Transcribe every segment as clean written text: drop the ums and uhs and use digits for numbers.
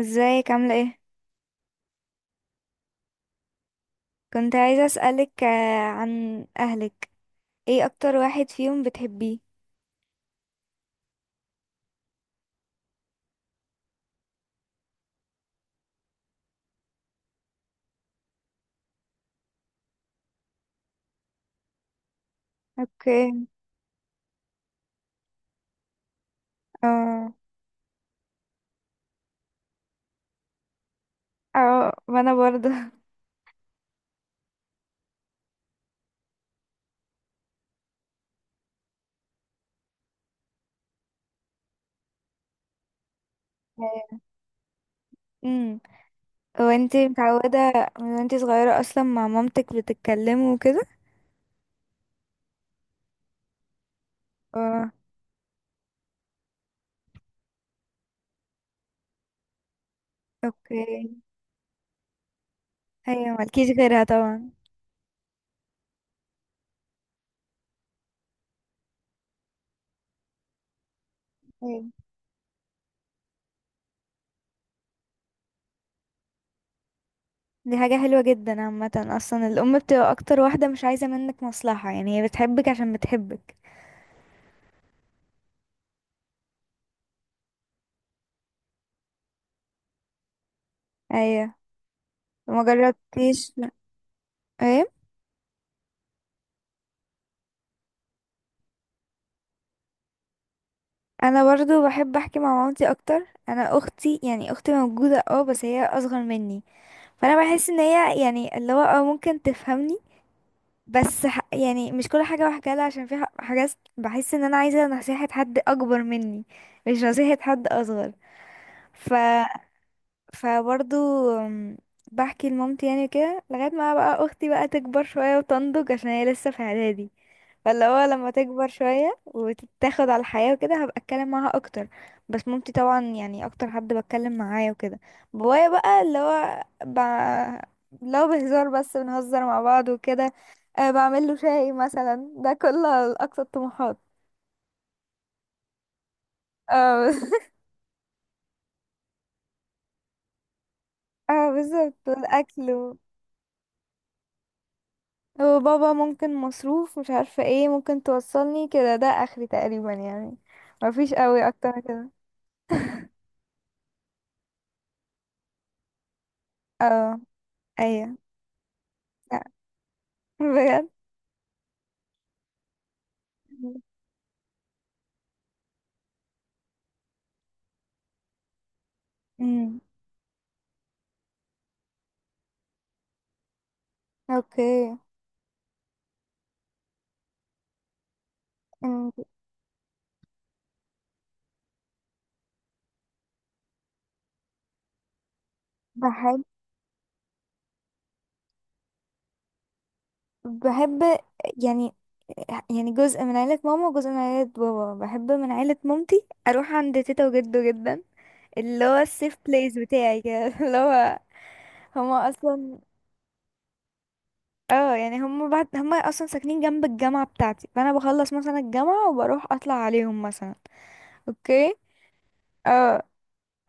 ازيك عاملة ايه؟ كنت عايزة اسألك عن اهلك. ايه اكتر واحد فيهم بتحبيه؟ اوكي. اه. اه وانا برضه. امم وانتي متعودة من وانتي صغيرة اصلا مع مامتك بتتكلموا وكده؟ اه. اوكي. ايوه مالكيش غيرها طبعا. ايوه. دي حاجة حلوة جدا، عامة اصلا الام بتبقى اكتر واحدة مش عايزة منك مصلحة، يعني هي بتحبك عشان بتحبك. ايوه. ما جربتيش. ايه؟ انا برضو بحب احكي مع مامتي اكتر. انا اختي يعني اختي موجوده اه بس هي اصغر مني، فانا بحس ان هي يعني اللي هو اه ممكن تفهمني. بس ح... يعني مش كل حاجه بحكيها لها عشان في ح- حاجات بحس ان انا عايزه نصيحه حد اكبر مني، مش نصيحه حد اصغر. ف فبرضو، أم، بحكي لمامتي يعني كده لغايه ما بقى اختي بقى تكبر شويه وتنضج، عشان هي لسه في اعدادي. فاللي هو لما تكبر شوية وتتاخد على الحياة وكده هبقى اتكلم معاها اكتر. بس مامتي طبعا يعني اكتر حد بتكلم معاه وكده. بابايا بقى اللي هو ب... لو بهزار بس بنهزر مع بعض وكده. أه بعمل له شاي مثلا، ده كل اقصى الطموحات. اه اه بالظبط والاكل و- وبابا ممكن مصروف مش عارفة ايه، ممكن توصلني كده، ده اخري تقريبا يعني. مفيش قوي اكتر من كده. اه. ايوه. لأ، بجد. مم. اوكي. أم، بحب بحب يعني يعني جزء من عيلة ماما وجزء من عيلة بابا. بحب من عيلة مامتي اروح عند تيتا وجدو جدا، اللي هو السيف بليس بتاعي كده. اللي هو هما اصلا اه يعني هما بعد، هما اصلا ساكنين جنب الجامعة بتاعتي، فانا بخلص مثلا الجامعة وبروح اطلع عليهم مثلا. اوكي. اه.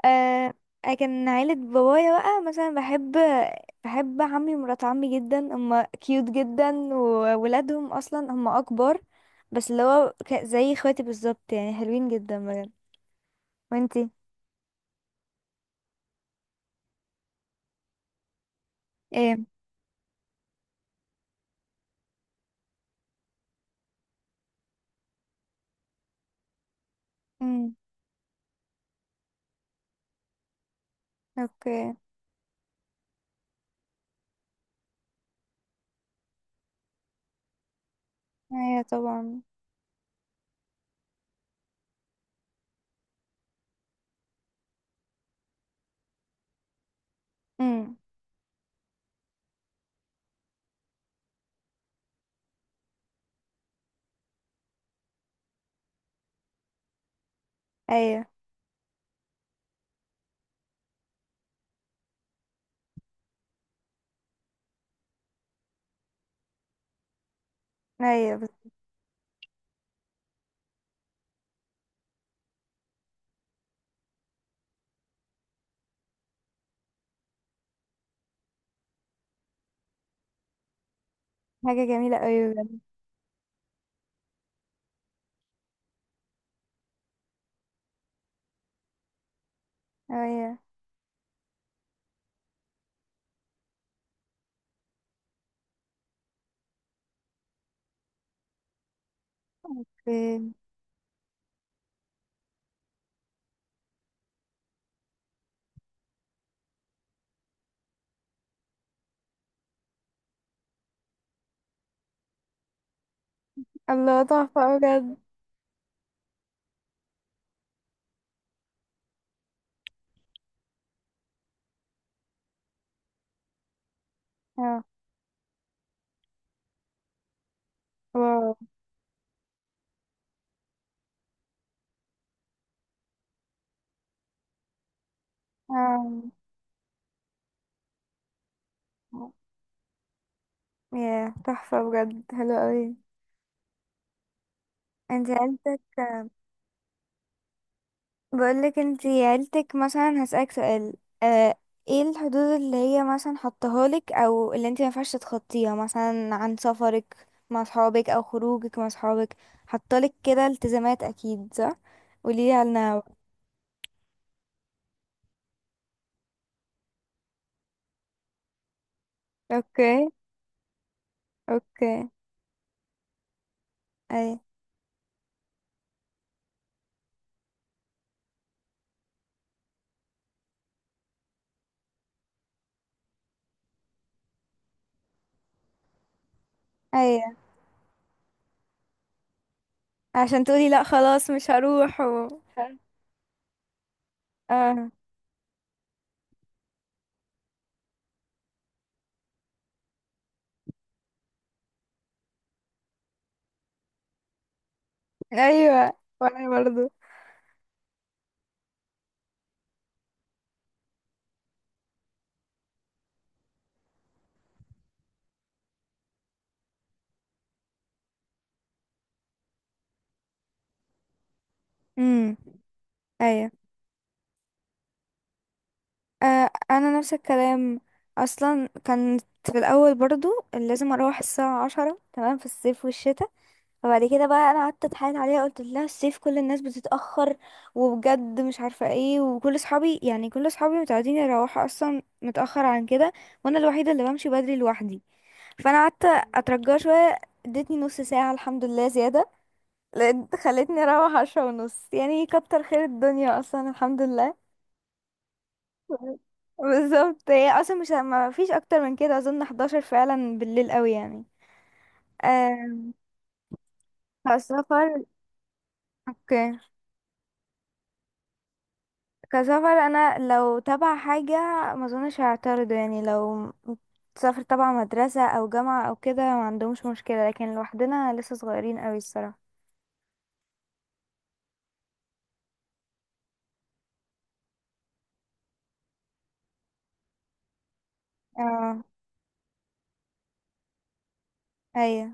آه. كان عيلة بابايا بقى مثلا بحب بحب عمي ومرات عمي جدا، هما كيوت جدا وولادهم اصلا هما اكبر، بس اللي هو ك- زي اخواتي بالظبط يعني حلوين جدا بجد. وانتي؟ ايه. امم اوكي. ايوه طبعا. امم. ايوه. ايوه بس. حاجة جميلة اوي بجد. ايوه. اوكي. الله تحفة أوي بجد. اه. واو. اه. يا تحفة بجد حلوة اوي. انتي عيلتك، بقولك انتي عيلتك مثلا هسألك سؤال. اه. ايه الحدود اللي هي مثلا حطها لك او اللي انتي مينفعش تخطيها، مثلا عن سفرك مع صحابك او خروجك مع صحابك؟ حطالك كده التزامات اكيد، صح؟ قوليلي عنها بقى. اوكي. اوكي. اي. اي عشان تقولي لا خلاص مش هروح و... اه. ايوه وانا برضو. امم انا نفس الكلام. اصلا كانت في الاول برضو لازم اروح الساعه عشرة تمام في الصيف والشتاء. فبعد كده بقى انا قعدت اتحايل عليها، قلت لها الصيف كل الناس بتتاخر، وبجد مش عارفه ايه، وكل اصحابي يعني كل اصحابي متعودين يروحوا اصلا متاخر عن كده، وانا الوحيده اللي بمشي بدري لوحدي. فانا قعدت اترجاها شويه، ادتني نص ساعه الحمد لله زياده، لقيت خلتني اروح عشرة ونص، يعني كتر خير الدنيا اصلا الحمد لله. بالظبط، هي اصلا مش ما فيش اكتر من كده اظن، 11 فعلا بالليل قوي يعني. آه. كسفر. اوكي. كسفر انا لو تبع حاجه ما اظنش هعترض يعني، لو سافر تبع مدرسه او جامعه او كده ما عندهمش مشكله، لكن لوحدنا لسه صغيرين قوي الصراحه. اه. ايوه.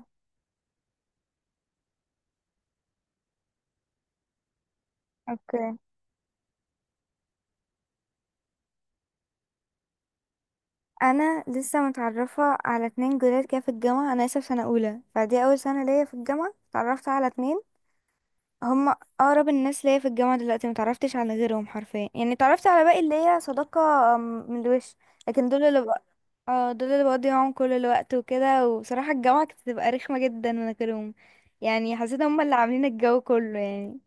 اوكي. انا لسه متعرفه على اتنين جداد كده في الجامعه، انا لسه في سنه اولى فدي اول سنه ليا في الجامعه، اتعرفت على اتنين هم اقرب الناس ليا في الجامعه دلوقتي. ما تعرفتش على غيرهم حرفيا، يعني تعرفت على باقي اللي هي صداقه م- من الوش، لكن دول اللي بق... اه دول اللي بقضي معاهم كل الوقت وكده. وبصراحه الجامعه كانت بتبقى رخمه جدا من غيرهم، يعني حسيت هم اللي عاملين الجو كله يعني.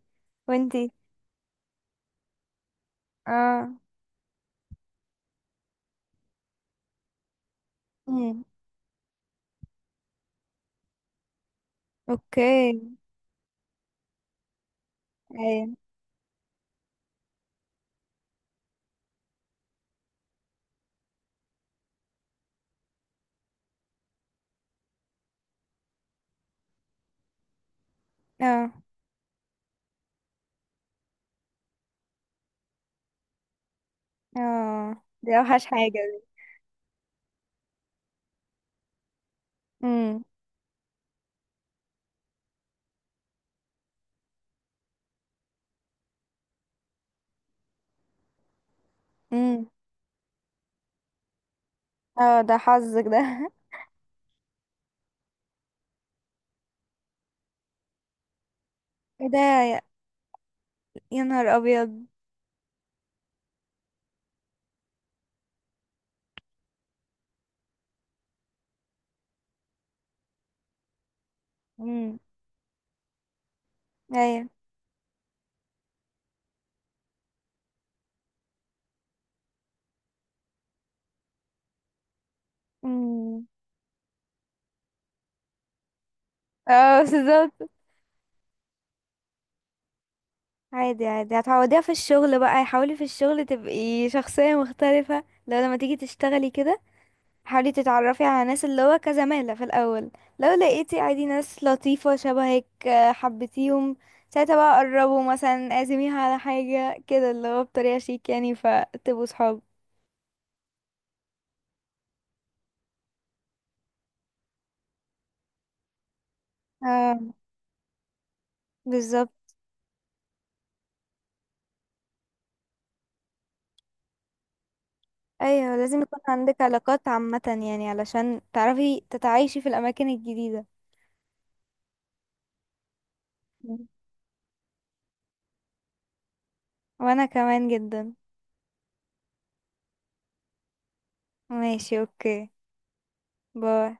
وانتي؟ اه. امم اوكي. ايه. اه. اه دي اوحش حاجه دي. امم. امم. اه ده حظك ده. ايه ده يا، يا نهار ابيض. امم ايوه. امم اه بالظبط. عادي عادي هتعوضيها في الشغل بقى. حاولي في الشغل تبقي شخصية مختلفة، لو لما تيجي تشتغلي كده حاولي تتعرفي على ناس اللي هو كزمالة في الأول، لو لقيتي عادي ناس لطيفة شبهك حبيتيهم، ساعتها بقى قربوا مثلا اعزميها على حاجة كده اللي هو بطريقة شيك، يعني فتبقوا صحاب. اه بالظبط. ايوه لازم يكون عندك علاقات عامة، يعني علشان تعرفي تتعايشي في الأماكن الجديدة. مم. وأنا كمان جدا. ماشي اوكي. باي